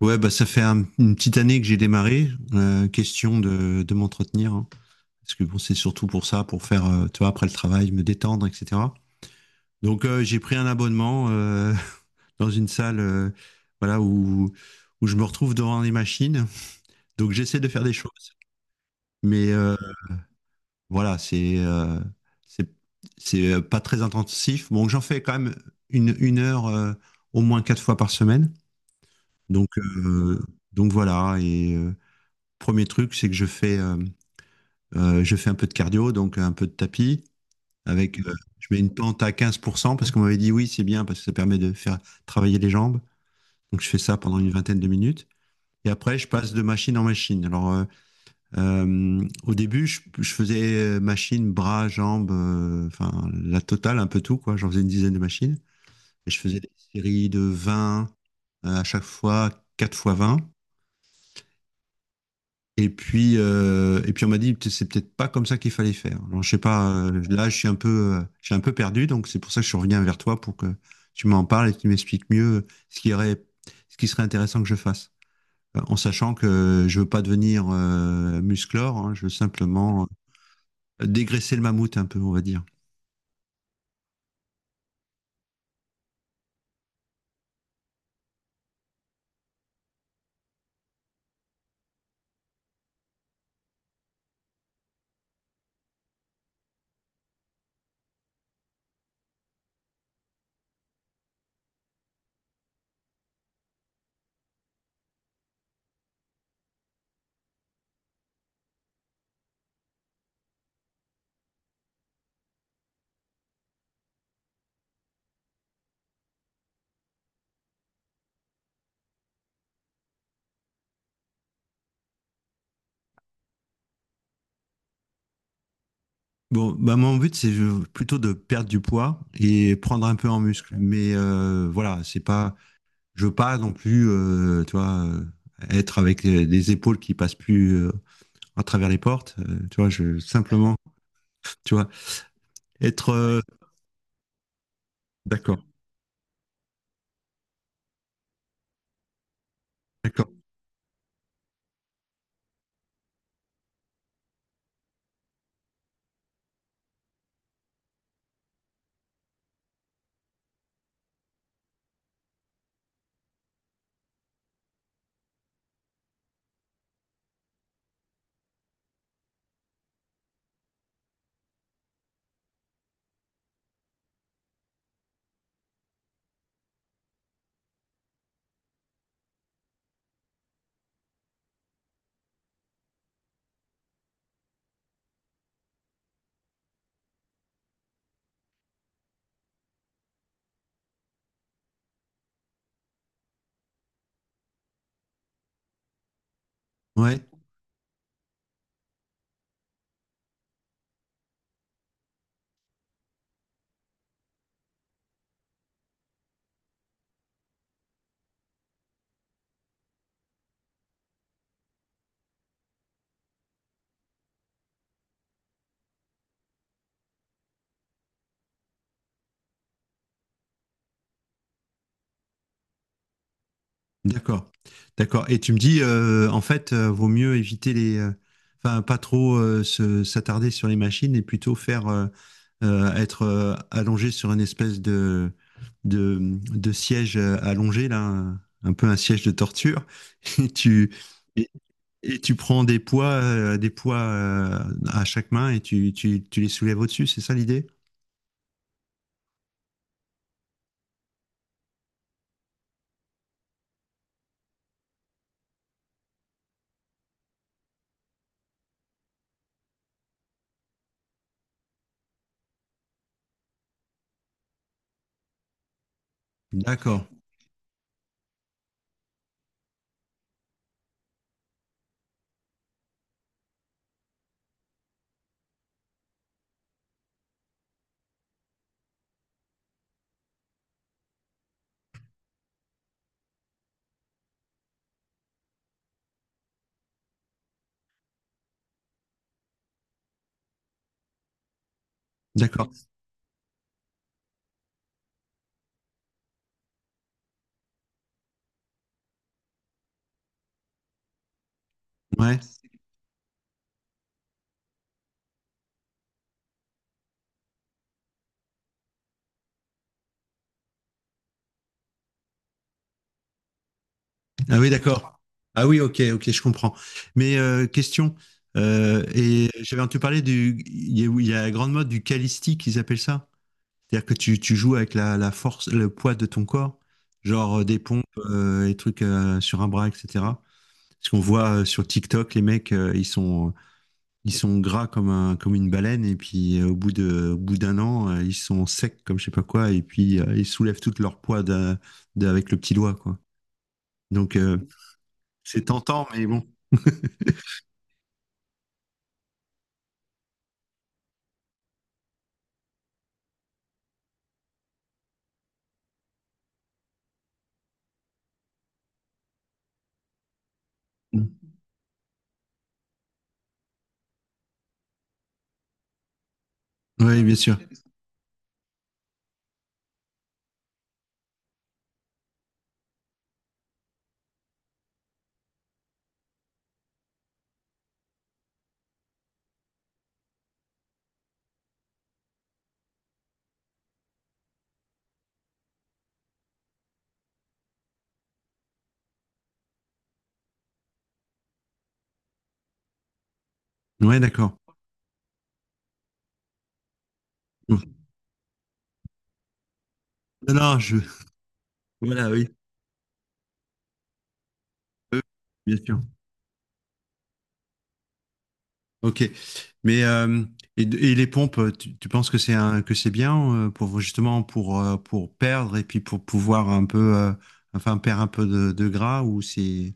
Ouais, bah ça fait une petite année que j'ai démarré. Question de m'entretenir, hein. Parce que bon, c'est surtout pour ça, pour faire, tu vois, après le travail, me détendre, etc. Donc j'ai pris un abonnement dans une salle, voilà, où je me retrouve devant les machines. Donc j'essaie de faire des choses, mais voilà, c'est c'est pas très intensif. Bon, j'en fais quand même une heure au moins quatre fois par semaine. Donc euh, donc voilà premier truc, c'est que je fais un peu de cardio, donc un peu de tapis. Avec, je mets une pente à 15% parce qu'on m'avait dit oui, c'est bien parce que ça permet de faire travailler les jambes. Donc je fais ça pendant une vingtaine de minutes. Et après, je passe de machine en machine. Alors, au début, je faisais machine, bras, jambes, enfin, la totale, un peu tout, quoi. J'en faisais une dizaine de machines. Et je faisais des séries de 20 à chaque fois, 4 fois vingt. Et puis on m'a dit, c'est peut-être pas comme ça qu'il fallait faire. Alors, je sais pas, là, je suis un peu, je suis un peu perdu, donc c'est pour ça que je reviens vers toi pour que tu m'en parles et que tu m'expliques mieux ce qui serait intéressant que je fasse. En sachant que je veux pas devenir musclore, hein, je veux simplement dégraisser le mammouth un peu, on va dire. Bon, bah mon but, c'est plutôt de perdre du poids et prendre un peu en muscle. Mais voilà, c'est pas, je veux pas non plus, tu vois, être avec les épaules qui passent plus à travers les portes. Tu vois, je simplement, tu vois, être d'accord, d'accord. Ouais, d'accord. D'accord. Et tu me dis, en fait, vaut mieux éviter les. Enfin, pas trop s'attarder sur les machines et plutôt faire être allongé sur une espèce de, de siège allongé, là, un peu un siège de torture. Et tu, Et tu prends des poids à chaque main et tu les soulèves au-dessus, c'est ça l'idée? D'accord, d'accord. Ouais. Ah oui, d'accord. Ah oui, ok, ok, je comprends. Mais question, et j'avais entendu parler du, il y a la grande mode du calisti qu'ils appellent ça. C'est-à-dire que tu joues avec la, la force, le poids de ton corps, genre des pompes et trucs sur un bras, etc. Parce qu'on voit sur TikTok, les mecs, ils sont gras comme un, comme une baleine, et puis au bout d'un an, ils sont secs comme je sais pas quoi, et puis ils soulèvent tout leur poids avec le petit doigt, quoi. Donc c'est tentant, mais bon. Mm. Oui, bien sûr. Ouais, d'accord. Non, non, je. Voilà, oui. Euh, bien sûr. Ok. Mais et les pompes, tu penses que c'est un, que c'est bien pour justement pour perdre et puis pour pouvoir un peu, enfin perdre un peu de gras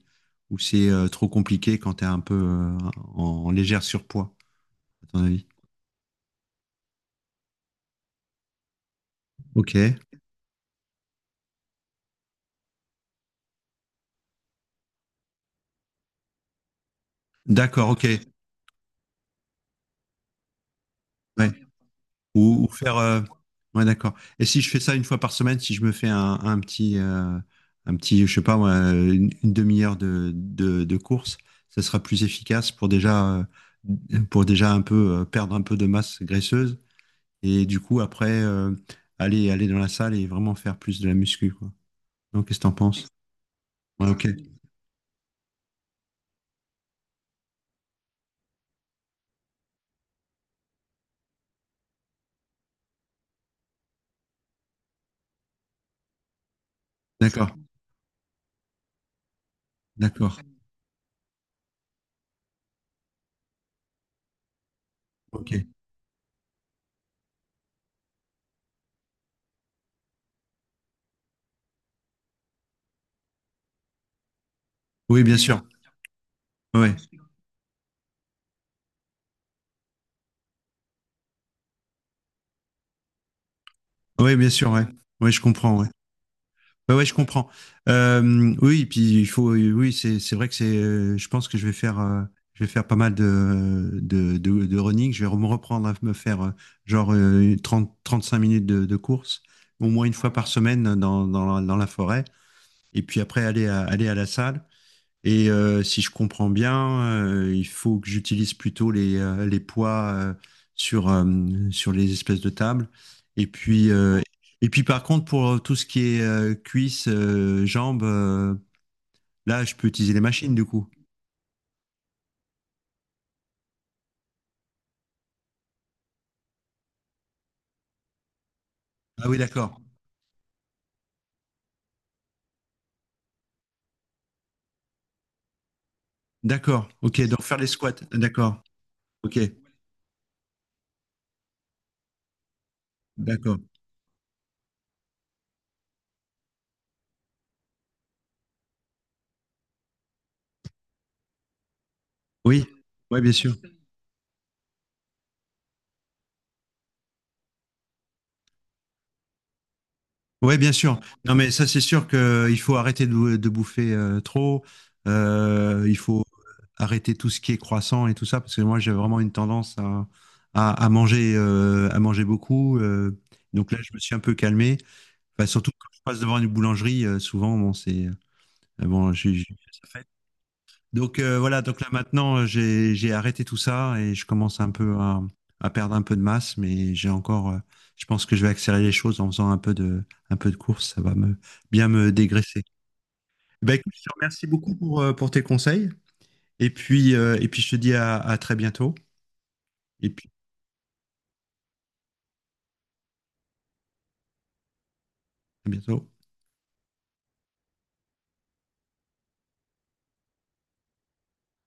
ou c'est trop compliqué quand t'es un peu en légère surpoids, à ton avis? Ok. D'accord. Ok. Ouais. Ou faire. Ouais, d'accord. Et si je fais ça une fois par semaine, si je me fais un petit, je sais pas, moi, une demi-heure de, de course, ça sera plus efficace pour déjà un peu perdre un peu de masse graisseuse et du coup après aller dans la salle et vraiment faire plus de la muscu, quoi. Donc, qu'est-ce que t'en penses? Ouais, ok. D'accord. D'accord. Ok. Oui, bien sûr. Ouais. Oui, bien sûr. Ouais. Oui, je comprends. Ouais. Ouais, ouais, je comprends. Euh, oui, puis il faut, oui, c'est vrai que c'est, je pense que je vais faire pas mal de running. Je vais me reprendre à me faire genre trente, trente-cinq minutes de, course, au moins une fois par semaine dans la forêt, et puis après aller à la salle. Et si je comprends bien, il faut que j'utilise plutôt les poids sur, euh, sur les espèces de tables. Et puis, euh, et puis par contre, pour tout ce qui est cuisses, jambes, là, je peux utiliser les machines du coup. Ah oui, d'accord. D'accord. Ok, donc faire les squats. D'accord. Ok, d'accord. Oui, ouais, bien sûr. Ouais, bien sûr. Non, mais ça, c'est sûr qu'il faut arrêter de, de bouffer trop. Il faut arrêter tout ce qui est croissant et tout ça, parce que moi, j'ai vraiment une tendance à manger beaucoup. Donc là, je me suis un peu calmé. Enfin, surtout quand je passe devant une boulangerie, souvent, bon, c'est. Bon, donc voilà, donc là maintenant j'ai arrêté tout ça et je commence un peu à perdre un peu de masse, mais j'ai encore, je pense que je vais accélérer les choses en faisant un peu de course, ça va me bien me dégraisser. Eh ben écoute, je te remercie beaucoup pour tes conseils et puis je te dis à très bientôt et puis à bientôt.